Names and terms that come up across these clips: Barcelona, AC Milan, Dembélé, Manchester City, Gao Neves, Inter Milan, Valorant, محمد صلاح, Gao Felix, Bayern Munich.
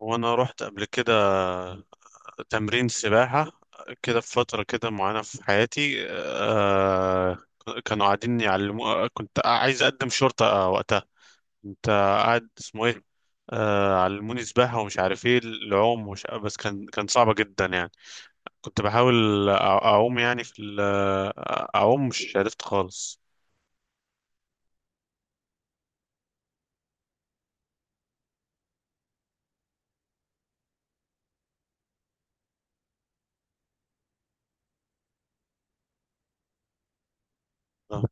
وانا رحت قبل كده تمرين سباحة كده في فترة كده معينة في حياتي كانوا قاعدين يعلموا. كنت عايز اقدم شرطة وقتها كنت قاعد اسمه ايه علموني سباحة ومش عارف ايه العوم بس كان صعبة جدا يعني. كنت بحاول اعوم يعني اعوم مش عرفت خالص آه.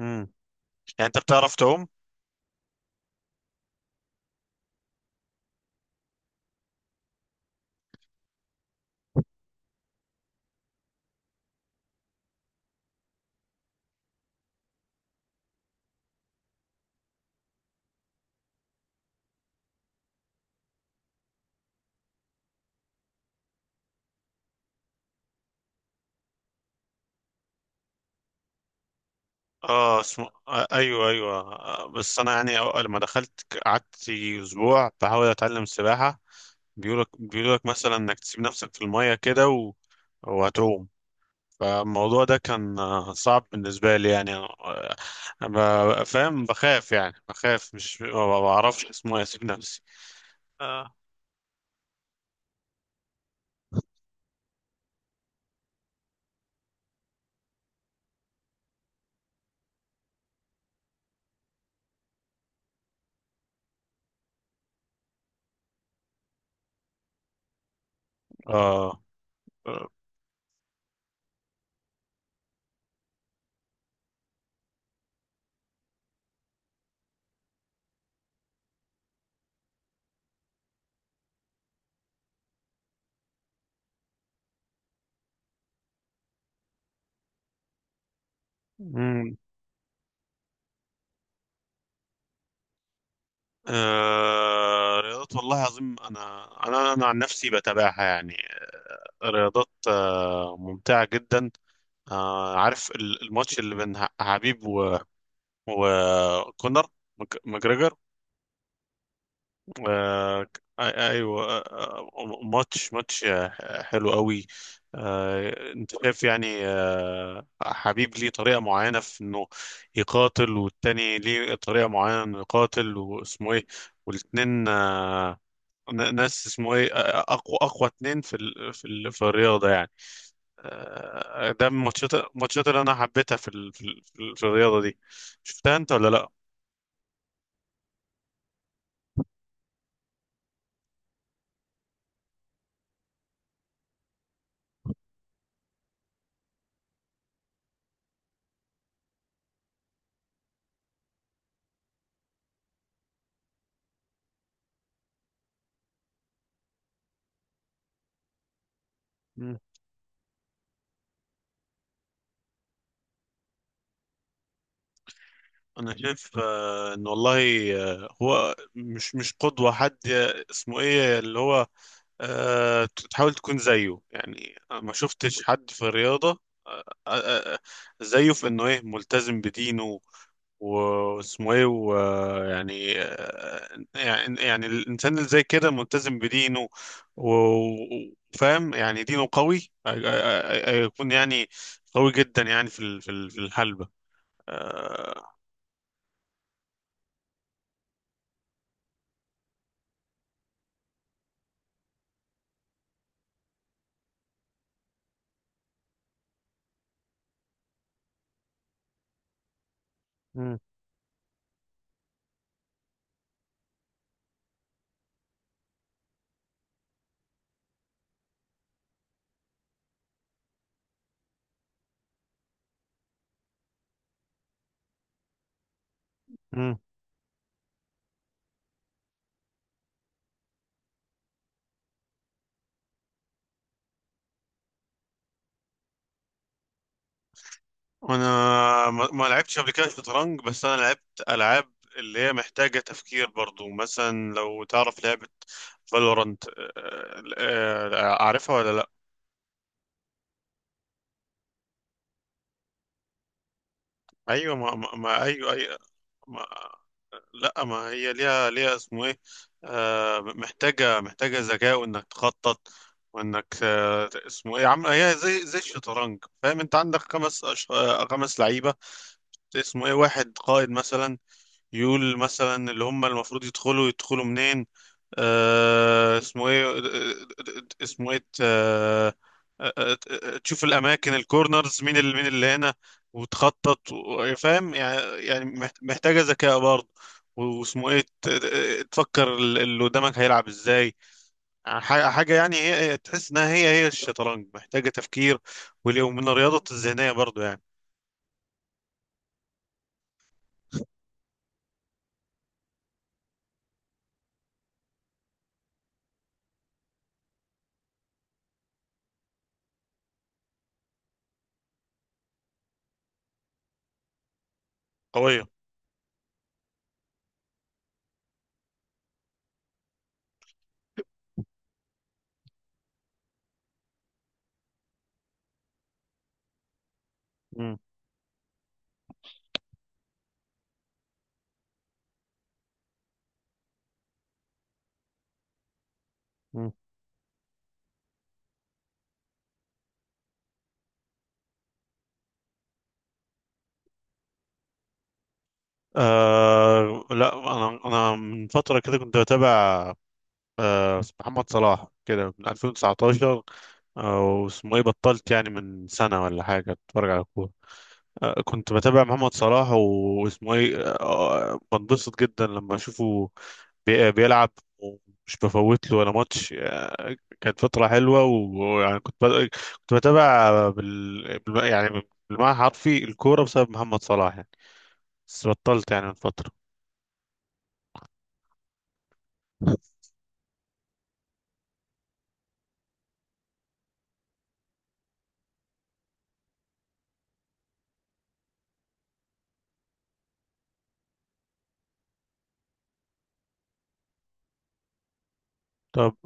امم يعني انت بتعرف تعوم؟ اه، اسمه ايوه، ايوه، بس انا يعني لما دخلت قعدت اسبوع بحاول اتعلم سباحه. بيقولك مثلا انك تسيب نفسك في الميه كده وهتعوم. فالموضوع ده كان صعب بالنسبه لي يعني. فاهم، بخاف يعني، بخاف، مش ما بعرفش اسمه إيه، اسيب نفسي. اه. اه. آه رياضات، والله العظيم انا انا عن نفسي بتابعها يعني. رياضات ممتعه جدا. عارف الماتش اللي بين حبيب وكونر ماجريجر. ايوه، ماتش، حلو قوي. انت شايف يعني حبيب ليه طريقه معينه في انه يقاتل، والتاني ليه طريقه معينه انه يقاتل، واسمه ايه، والاتنين ناس اسمه ايه، اقوى اتنين في في الرياضه يعني. ده من الماتشات اللي انا حبيتها في في الرياضه دي. شفتها انت ولا لا؟ مم. انا شايف ان والله هو مش قدوة حد اسمه ايه، اللي هو آه، تحاول تكون زيه يعني. أنا ما شفتش حد في الرياضة آه، آه، آه، آه، زيه في انه ايه، ملتزم بدينه، واسمه ايه، ويعني يعني، الانسان اللي زي كده، ملتزم بدينه وفاهم يعني دينه قوي، يكون يعني قوي جدا يعني في في الحلبة. آه، مم. مم. انا ما لعبتش قبل كده شطرنج، بس انا لعبت العاب اللي هي محتاجة تفكير برضو. مثلا لو تعرف لعبة فالورانت، اعرفها ولا لا؟ ايوه ايوه. ايوه. لا، ما هي ليها اسمه ايه، محتاجة ذكاء، وانك تخطط، وانك اسمه ايه، عم هي زي الشطرنج. فاهم؟ انت عندك خمس أش... آه، خمس لعيبة، اسمه ايه، واحد قائد مثلا يقول مثلا اللي هم المفروض يدخلوا منين، آه، اسمه ايه آه، آه، آه، اسمه ايه آه، آه، آه، آه، آه، تشوف الاماكن الكورنرز، مين اللي، مين اللي هنا، وتخطط فاهم يعني. يعني محتاجه ذكاء برضه. واسمه ايه، تفكر اللي قدامك هيلعب ازاي، حاجه يعني، تحس انها هي الشطرنج، محتاجه تفكير ومن الرياضه الذهنيه برضه يعني. قويه. مم. مم. آه لا، انا انا من فتره كده كنت بتابع محمد صلاح كده من 2019، او اسمه ايه، بطلت يعني من سنة ولا حاجة اتفرج على كورة. كنت بتابع محمد صلاح، واسمه ايه، بنبسط جدا لما اشوفه بيلعب، ومش بفوت له ولا ماتش. كانت فترة حلوة، ويعني كنت كنت بتابع يعني بالمعنى الحرفي الكورة بسبب محمد صلاح يعني. بس بطلت يعني من فترة. طب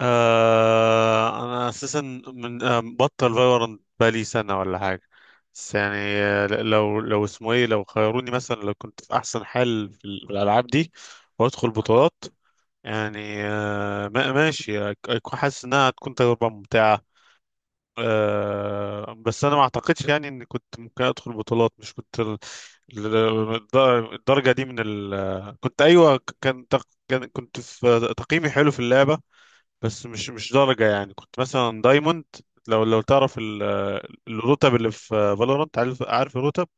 انا اساسا من بطل فالورانت بقالي سنه ولا حاجه. بس يعني لو لو اسمه ايه، لو خيروني مثلا، لو كنت في احسن حال في في الالعاب دي وادخل بطولات، يعني ماشي، أكون حاسس انها هتكون تجربه ممتعه. بس انا ما اعتقدش يعني اني كنت ممكن ادخل بطولات، مش كنت الدرجه دي من ال، كنت ايوه، ك- كان تق- كان كنت في تقييمي حلو في اللعبه، بس مش درجة يعني. كنت مثلا دايموند، لو لو تعرف الرتب اللي في فالورانت. عارف الرتب؟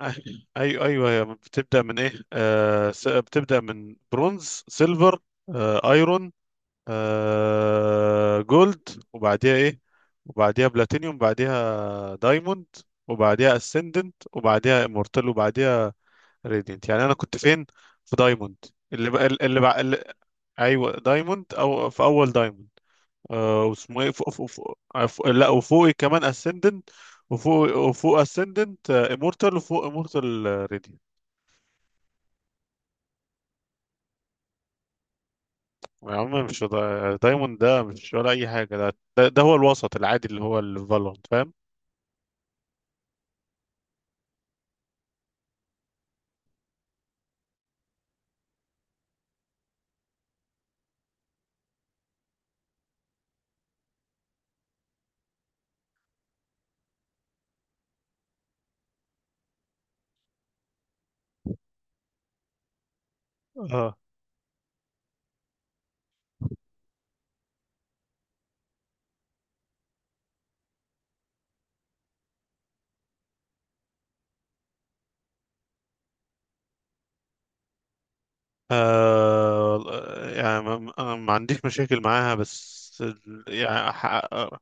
ايوه، ايوه، هي بتبدأ من ايه بتبدأ من برونز، سيلفر، ايرون، جولد، وبعديها ايه، وبعديها بلاتينيوم، بعديها دايموند، وبعديها اسندنت، وبعديها امورتال، وبعديها راديانت. يعني انا كنت فين؟ في دايموند. اللي بقى اللي بقى اللي ايوه، دايموند، او في اول دايموند. واسمه ايه، لا، وفوقي كمان اسندنت. وفوق اسندنت امورتال، وفوق امورتال ريدي. يا عم، مش دا... دايموند ده مش ولا اي حاجه. ده هو الوسط العادي اللي هو الفالورانت، فاهم؟ اه. آه يعني ما, أنا ما عنديش مشاكل معاها، بس آه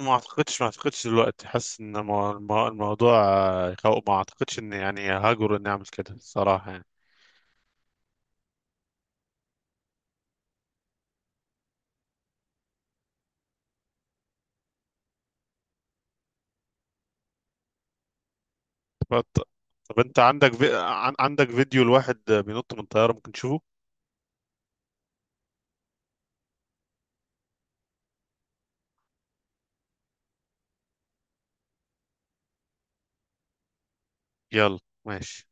ما اعتقدش، ما اعتقدش دلوقتي حاسس ان الموضوع يخوف. ما اعتقدش ان يعني هاجر اني اعمل كده الصراحه يعني. بط... طب انت عندك في، عندك فيديو لواحد بينط من طيارة؟ ممكن تشوفه. يلا ماشي.